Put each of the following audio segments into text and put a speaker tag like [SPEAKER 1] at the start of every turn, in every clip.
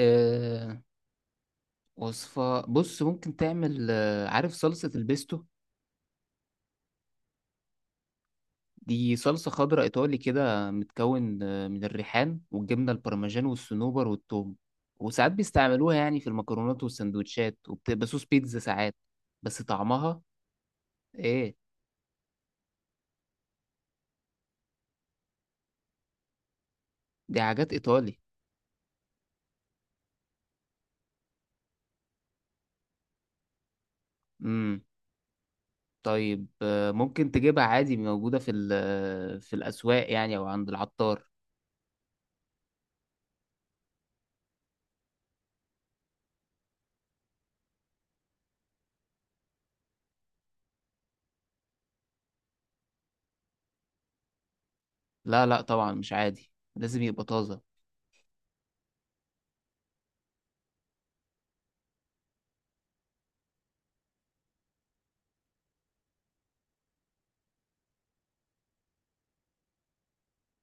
[SPEAKER 1] آه وصفة، بص ممكن تعمل، عارف صلصة البيستو؟ دي صلصة خضراء إيطالي كده، متكون من الريحان والجبنة البارميجان والصنوبر والثوم. وساعات بيستعملوها يعني في المكرونات والسندوتشات، وبتبقى صوص بيتزا ساعات، بس طعمها إيه. دي حاجات إيطالي. مم. طيب، ممكن تجيبها عادي، موجودة في في الأسواق يعني، أو عند العطار. لا لا، طبعا مش عادي، لازم يبقى طازة.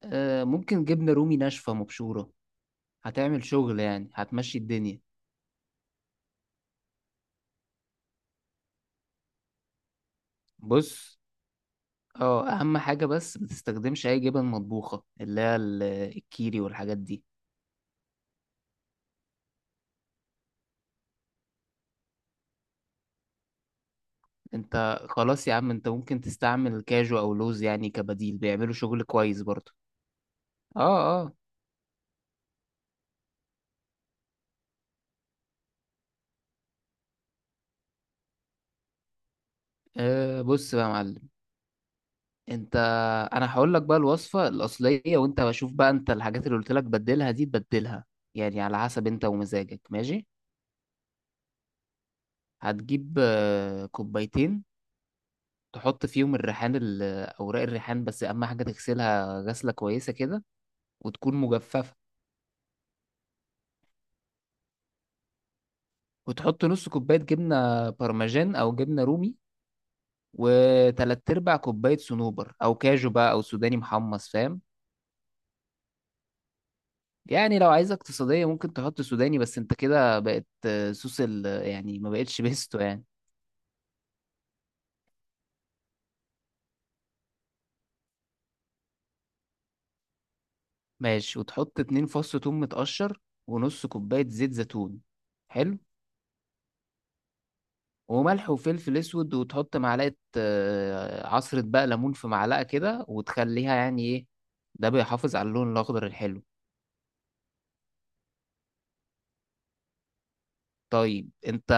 [SPEAKER 1] آه، ممكن جبنة رومي ناشفة مبشورة، هتعمل شغل يعني، هتمشي الدنيا. بص، اه اهم حاجة، بس ما تستخدمش اي جبن مطبوخة اللي هي الكيري والحاجات دي. انت خلاص يا عم، انت ممكن تستعمل كاجو او لوز يعني كبديل، بيعملوا شغل كويس برضه. اه اه. بص بقى يا معلم. انت، انا هقول لك بقى الوصفة الاصلية، وانت بشوف بقى انت الحاجات اللي قلت لك بدلها دي تبدلها، يعني على حسب انت ومزاجك، ماشي. هتجيب كوبايتين، تحط فيهم الريحان، اوراق الريحان، بس اهم حاجه تغسلها غسله كويسه كده، وتكون مجففه. وتحط نص كوبايه جبنه بارميجان او جبنه رومي، وتلات ارباع كوبايه صنوبر او كاجو بقى او سوداني محمص، فاهم. يعني لو عايزه اقتصاديه ممكن تحط سوداني، بس انت كده بقت صوص ال يعني، ما بقتش بيستو يعني. ماشي، وتحط 2 فص ثوم متقشر ونص كوبايه زيت زيتون. حلو. وملح وفلفل اسود، وتحط معلقه عصره بقى ليمون في معلقه كده، وتخليها يعني ايه، ده بيحافظ على اللون الاخضر الحلو. طيب انت.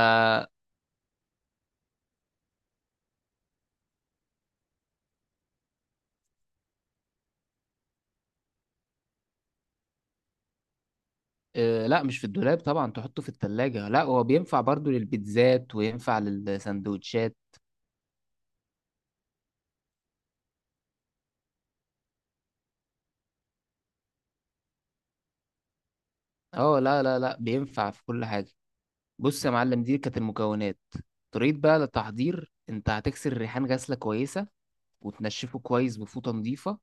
[SPEAKER 1] لا مش في الدولاب طبعا، تحطه في التلاجة، لا هو بينفع برضو للبيتزات وينفع للسندوتشات. اه لا لا لا، بينفع في كل حاجة. بص يا معلم، دي كانت المكونات. طريقة بقى للتحضير، انت هتكسر الريحان غسلة كويسة، وتنشفه كويس بفوطة نظيفة،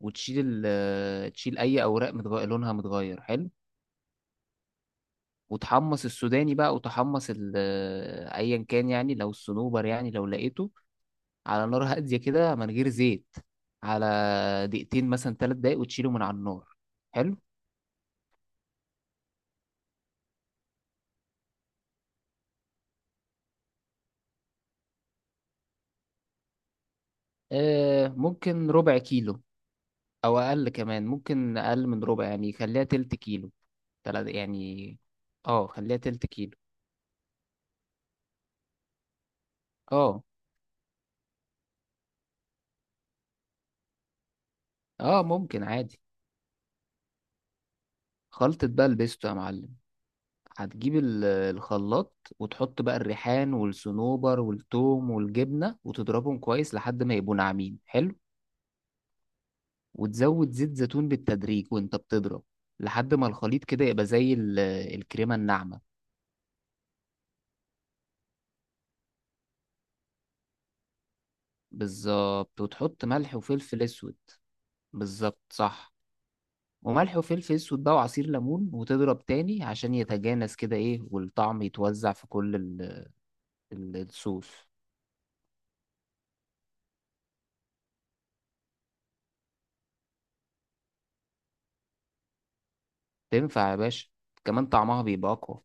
[SPEAKER 1] وتشيل تشيل اي اوراق لونها متغير. حلو. وتحمص السوداني بقى، وتحمص ايا كان يعني، لو الصنوبر يعني لو لقيته، على نار هاديه كده من غير زيت، على دقيقتين مثلا 3 دقايق، وتشيله من على النار. حلو. آه، ممكن ربع كيلو، او اقل كمان، ممكن اقل من ربع، يعني خليها تلت كيلو، تلات يعني. اه، خليها تلت كيلو. اه. اه، ممكن عادي. خلطة بقى البيستو يا معلم، هتجيب الخلاط، وتحط بقى الريحان والصنوبر والثوم والجبنة، وتضربهم كويس لحد ما يبقوا ناعمين. حلو. وتزود زيت زيتون بالتدريج، وانت بتضرب، لحد ما الخليط كده يبقى زي الكريمة الناعمة. بالظبط، وتحط ملح وفلفل اسود. بالظبط صح. وملح وفلفل اسود بقى، وعصير ليمون، وتضرب تاني عشان يتجانس كده ايه، والطعم يتوزع في كل الصوص. تنفع يا باشا، كمان طعمها بيبقى اقوى.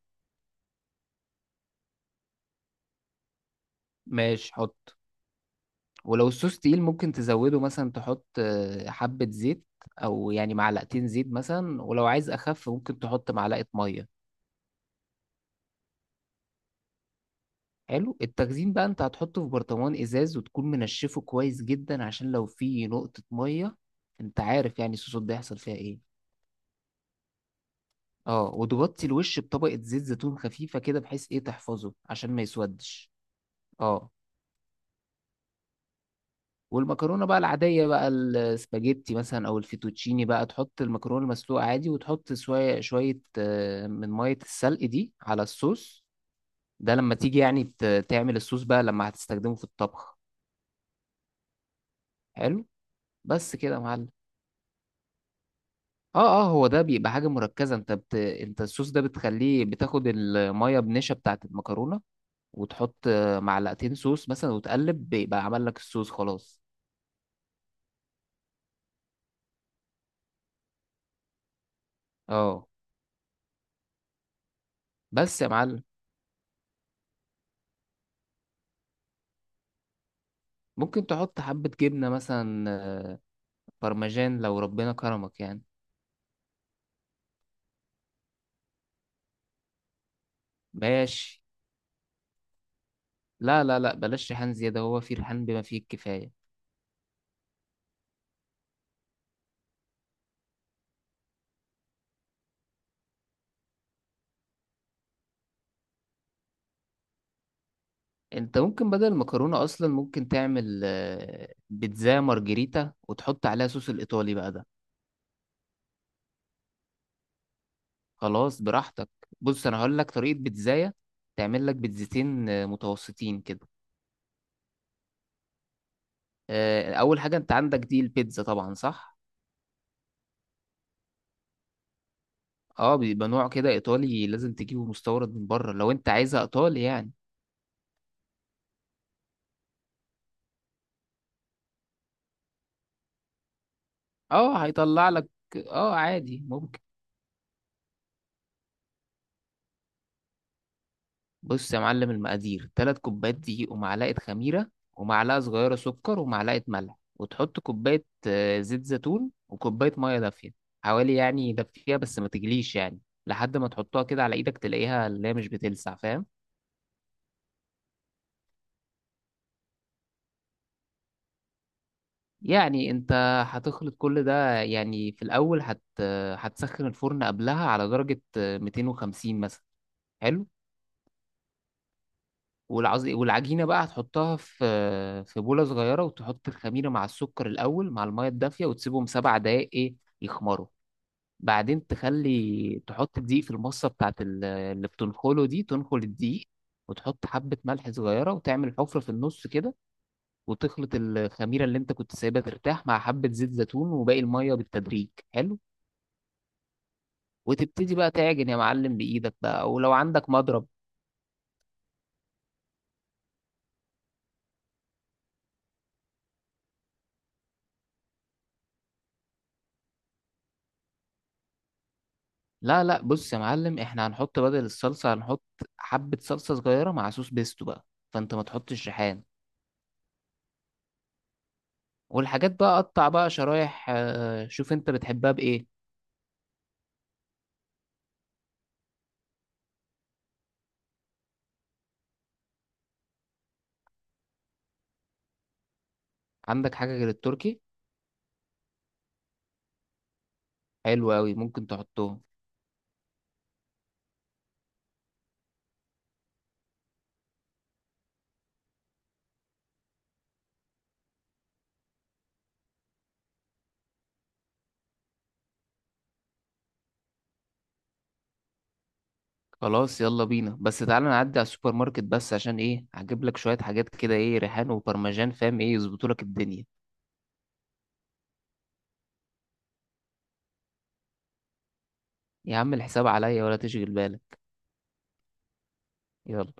[SPEAKER 1] ماشي حط. ولو الصوص تقيل ممكن تزوده مثلا، تحط حبة زيت، أو يعني معلقتين زيت مثلا، ولو عايز أخف ممكن تحط معلقة مية. حلو. التخزين بقى، أنت هتحطه في برطمان إزاز، وتكون منشفه كويس جدا عشان لو فيه نقطة مية، أنت عارف يعني الصوصات ده يحصل فيها إيه. اه، وتغطي الوش بطبقة زيت زيتون خفيفة كده، بحيث إيه تحفظه عشان ما يسودش. اه. والمكرونه بقى العاديه بقى، السباجيتي مثلا او الفيتوتشيني بقى، تحط المكرونه المسلوقه عادي، وتحط شويه شويه من ميه السلق دي على الصوص، ده لما تيجي يعني تعمل الصوص بقى، لما هتستخدمه في الطبخ. حلو. بس كده يا معلم. اه. اه هو ده بيبقى حاجه مركزه، انت انت الصوص ده بتخليه بتاخد الميه بنشا بتاعه المكرونه، وتحط معلقتين صوص مثلا وتقلب، بيبقى عمل لك الصوص خلاص. اه. بس يا معلم. ممكن تحط حبة جبنة مثلا برمجان، لو ربنا كرمك يعني. ماشي. لا لا لا، بلاش ريحان زيادة، هو في ريحان بما فيه الكفاية. انت ممكن بدل المكرونة اصلا ممكن تعمل بيتزا مارجريتا، وتحط عليها صوص الايطالي بقى ده. خلاص براحتك. بص، انا هقول لك طريقة بيتزاية. تعمل لك بيتزتين متوسطين كده. اول حاجة، انت عندك دي البيتزا طبعا صح. اه، بيبقى نوع كده ايطالي، لازم تجيبه مستورد من بره، لو انت عايزها ايطالي يعني. اه، هيطلع لك. اه، عادي ممكن. بص يا معلم، المقادير 3 كوبايات دقيق، ومعلقة خميرة، ومعلقة صغيرة سكر، ومعلقة ملح، وتحط كوباية زيت زيتون، وكوباية مية دافية، حوالي يعني دافية بس ما تجليش يعني، لحد ما تحطها كده على ايدك تلاقيها اللي هي مش بتلسع، فاهم. يعني انت هتخلط كل ده، يعني في الاول هتسخن الفرن قبلها على درجة 250 مثلا. حلو. والعجينة بقى هتحطها في بولة صغيرة، وتحط الخميرة مع السكر الأول مع المية الدافية، وتسيبهم 7 دقايق إيه يخمروا. بعدين تخلي تحط الدقيق في المصة بتاعت اللي بتنخله دي، تنخل الدقيق، وتحط حبة ملح صغيرة، وتعمل حفرة في النص كده، وتخلط الخميرة اللي أنت كنت سايبها ترتاح مع حبة زيت زيتون وباقي المية بالتدريج. حلو. وتبتدي بقى تعجن يا معلم بإيدك بقى، ولو عندك مضرب. لا لا، بص يا معلم، احنا هنحط بدل الصلصة هنحط حبة صلصة صغيرة مع صوص بيستو بقى، فانت ما تحطش ريحان. والحاجات بقى قطع بقى شرايح شوف انت بتحبها بايه. عندك حاجة غير التركي؟ حلو قوي، ممكن تحطهم. خلاص يلا بينا، بس تعالى نعدي على السوبر ماركت بس، عشان ايه هجيب لك شوية حاجات كده، ايه ريحان وبرمجان، فاهم، ايه يظبطوا لك الدنيا. يا عم الحساب عليا، ولا تشغل بالك. يلا.